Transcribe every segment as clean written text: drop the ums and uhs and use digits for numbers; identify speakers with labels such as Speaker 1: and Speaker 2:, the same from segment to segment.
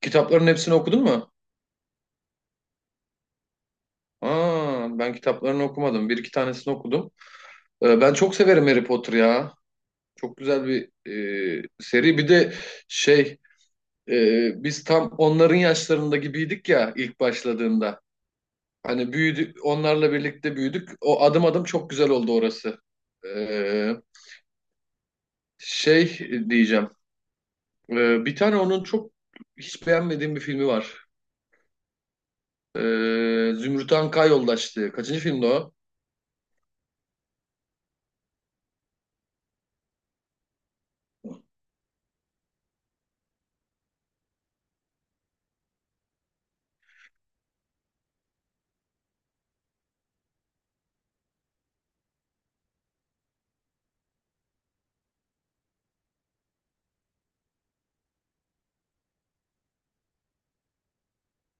Speaker 1: Kitapların hepsini okudun mu? Aa, ben kitaplarını okumadım. Bir iki tanesini okudum. Ben çok severim Harry Potter ya. Çok güzel bir seri. Bir de şey biz tam onların yaşlarında gibiydik ya ilk başladığında. Hani büyüdük, onlarla birlikte büyüdük. O adım adım çok güzel oldu orası. Ee, şey diyeceğim. Bir tane onun çok hiç beğenmediğim bir filmi var. Zümrüt Anka Yoldaşlığı. Kaçıncı filmdi o?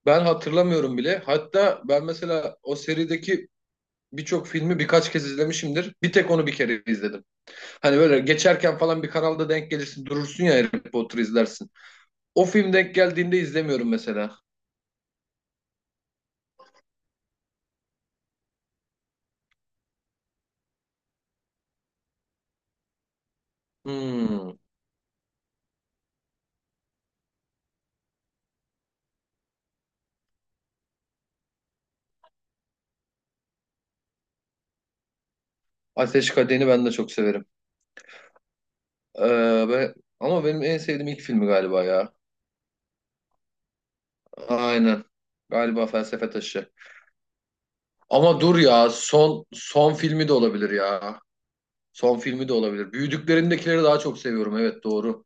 Speaker 1: Ben hatırlamıyorum bile. Hatta ben mesela o serideki birçok filmi birkaç kez izlemişimdir. Bir tek onu bir kere izledim. Hani böyle geçerken falan bir kanalda denk gelirsin durursun ya Harry Potter izlersin. O film denk geldiğinde izlemiyorum mesela. Hmm. Ateş Kadehi'ni ben de çok severim. Ee, ve- ama benim en sevdiğim ilk filmi galiba ya. Aynen. Galiba Felsefe Taşı. Ama dur ya son son filmi de olabilir ya. Son filmi de olabilir. Büyüdüklerindekileri daha çok seviyorum. Evet, doğru.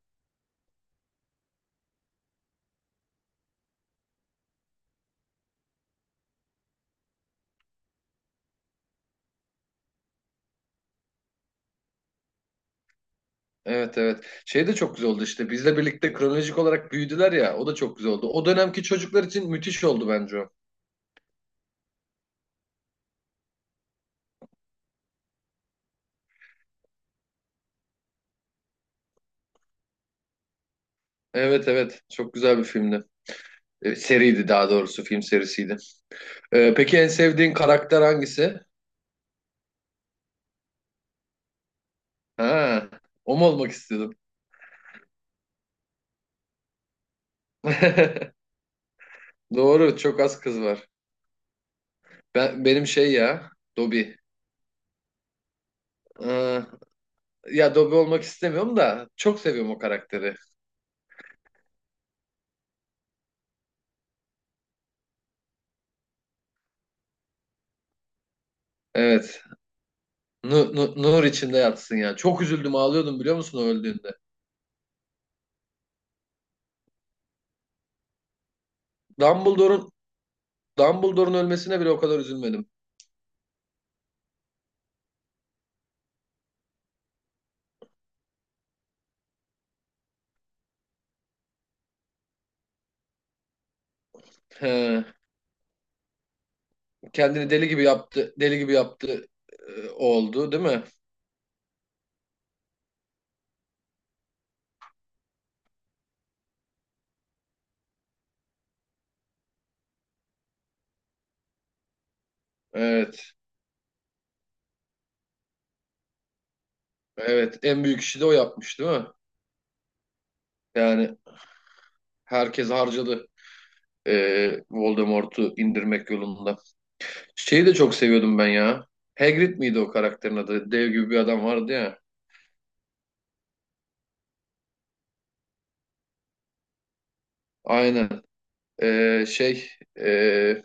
Speaker 1: Evet, evet. Şey de çok güzel oldu işte. Bizle birlikte kronolojik olarak büyüdüler ya. O da çok güzel oldu. O dönemki çocuklar için müthiş oldu bence o. Evet, evet. Çok güzel bir filmdi. Seriydi daha doğrusu. Film serisiydi. Peki en sevdiğin karakter hangisi? Ha, o mu olmak istiyordum? Doğru. Çok az kız var. Benim şey ya. Dobby. Ee, ya Dobby olmak istemiyorum da çok seviyorum o karakteri. Evet. Nur içinde yatsın ya. Çok üzüldüm, ağlıyordum biliyor musun o öldüğünde. Dumbledore'un Dumbledore'un ölmesine bile o kadar üzülmedim. He, kendini deli gibi yaptı, deli gibi yaptı oldu, değil mi? Evet, evet. En büyük işi de o yapmış, değil mi? Yani herkes harcadı Voldemort'u indirmek yolunda. Şeyi de çok seviyordum ben ya. Hagrid miydi o karakterin adı? Dev gibi bir adam vardı ya. Aynen. Şey, e,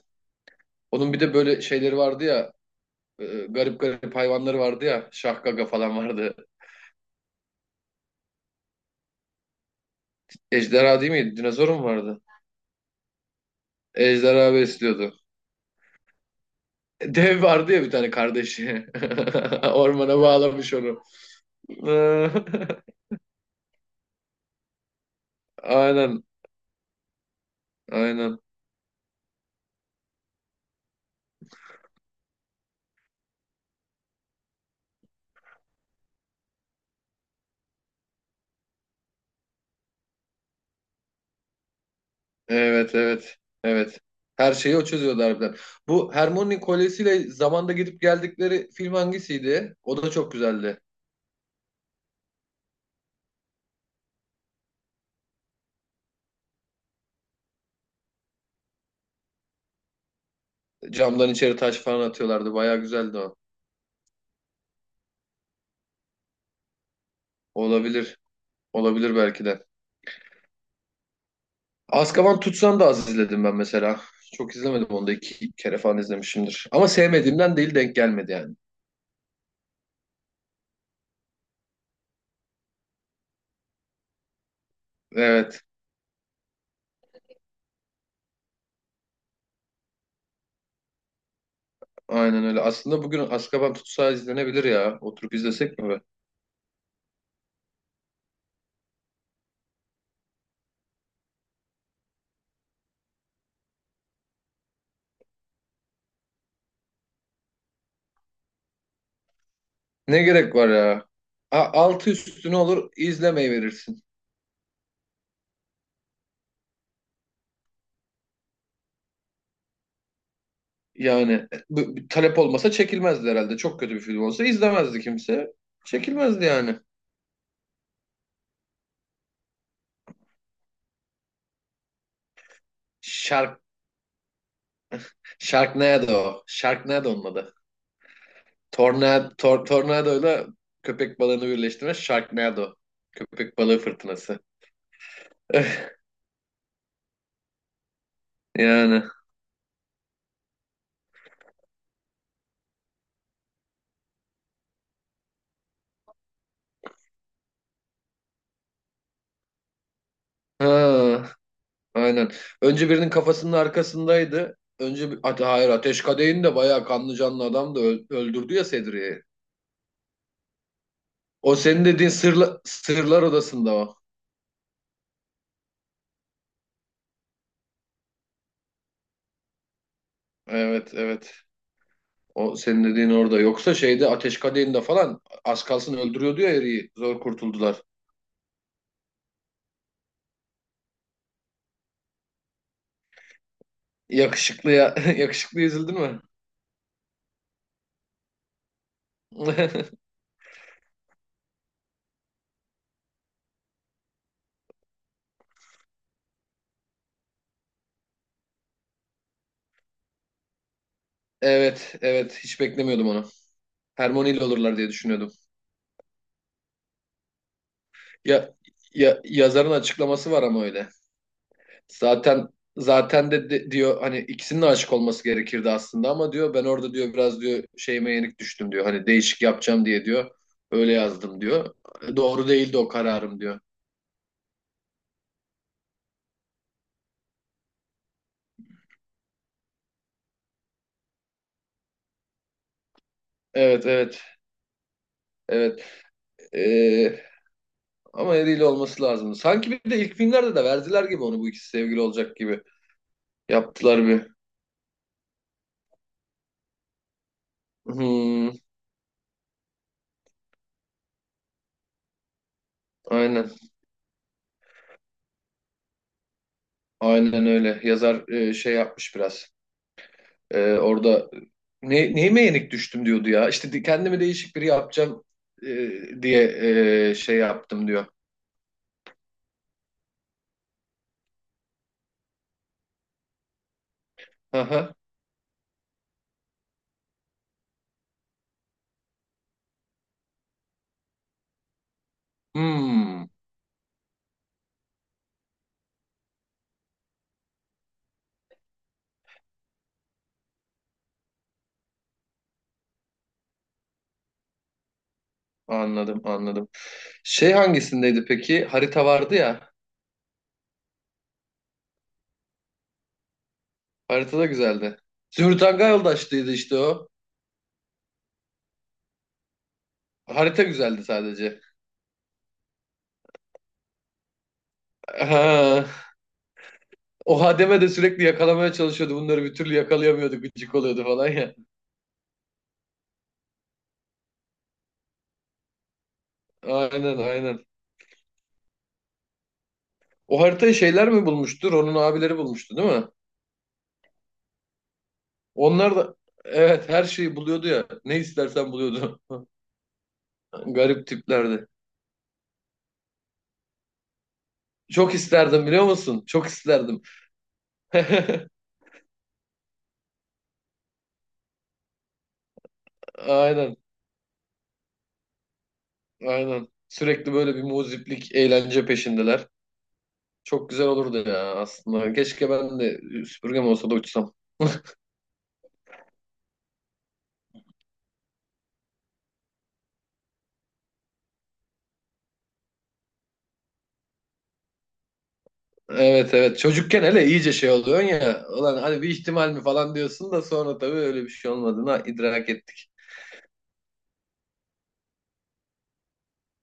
Speaker 1: onun bir de böyle şeyleri vardı ya. Garip garip hayvanları vardı ya. Şahgaga falan vardı. Ejderha değil miydi? Dinozor mu vardı? Ejderha besliyordu. Dev vardı ya bir tane kardeşi. Ormana bağlamış onu. Aynen, aynen. Evet, evet, evet. Her şeyi o çözüyordu harbiden. Bu Hermione kolyesiyle zamanda gidip geldikleri film hangisiydi? O da çok güzeldi. Camdan içeri taş falan atıyorlardı. Baya güzeldi o. Olabilir. Olabilir belki de. Azkaban Tutsan da az izledim ben mesela. Çok izlemedim onu da, iki kere falan izlemişimdir. Ama sevmediğimden değil, denk gelmedi yani. Evet. Aynen öyle. Aslında bugün Azkaban Tutsağı izlenebilir ya. Oturup izlesek mi be? Ne gerek var ya? A, altı üstüne olur izlemeyi verirsin. Yani bu talep olmasa çekilmezdi herhalde. Çok kötü bir film olsa izlemezdi kimse. Çekilmezdi yani. Shark, Sharknado. Sharknado onun adı. Tornado, tornadoyla köpek balığını birleştirme Sharknado. Köpek balığı fırtınası. Yani. Ha. Aynen. Önce birinin kafasının arkasındaydı. Önce hayır Ateş Kadehin de bayağı kanlı canlı adam da öldürdü ya Sedriye'yi. O senin dediğin sırlar odasında o. Evet, evet. O senin dediğin orada. Yoksa şeyde Ateş Kadehin'de falan az kalsın öldürüyordu ya eriyi. Zor kurtuldular. Yakışıklıya yakışıklı üzüldün mü? Evet, evet, hiç beklemiyordum onu. Hermione ile olurlar diye düşünüyordum. Ya, ya yazarın açıklaması var ama öyle. Zaten zaten diyor hani ikisinin de aşık olması gerekirdi aslında ama diyor, ben orada diyor biraz diyor şeyime yenik düştüm diyor. Hani değişik yapacağım diye diyor. Öyle yazdım diyor. Doğru değildi o kararım diyor. Evet, evet, evet. Ee, ama eriyle olması lazım. Sanki bir de ilk filmlerde de verdiler gibi onu, bu ikisi sevgili olacak gibi yaptılar bir. Hmm, aynen, aynen öyle. Yazar şey yapmış biraz. Orada neyime yenik düştüm diyordu ya. İşte kendimi değişik biri yapacağım e, diye şey yaptım diyor. Hı hı. Hmm, anladım, anladım. Şey hangisindeydi peki? Harita vardı ya. Harita da güzeldi. Zümrüt Anka Yoldaş'tıydı işte o. Harita güzeldi sadece. Ha, o Hademe de sürekli yakalamaya çalışıyordu. Bunları bir türlü yakalayamıyordu. Gıcık oluyordu falan ya. Aynen, aynen. O haritayı şeyler mi bulmuştu? Ron'un abileri bulmuştu, değil mi? Onlar da, evet, her şeyi buluyordu ya. Ne istersen buluyordu. Garip tiplerdi. Çok isterdim biliyor musun? Çok isterdim. Aynen. Aynen. Sürekli böyle bir muziplik, eğlence peşindeler. Çok güzel olurdu ya aslında. Keşke ben de süpürgem olsa da uçsam. Evet, evet. Çocukken hele iyice şey oluyorsun ya. Ulan hani bir ihtimal mi falan diyorsun da sonra tabii öyle bir şey olmadığını idrak ettik.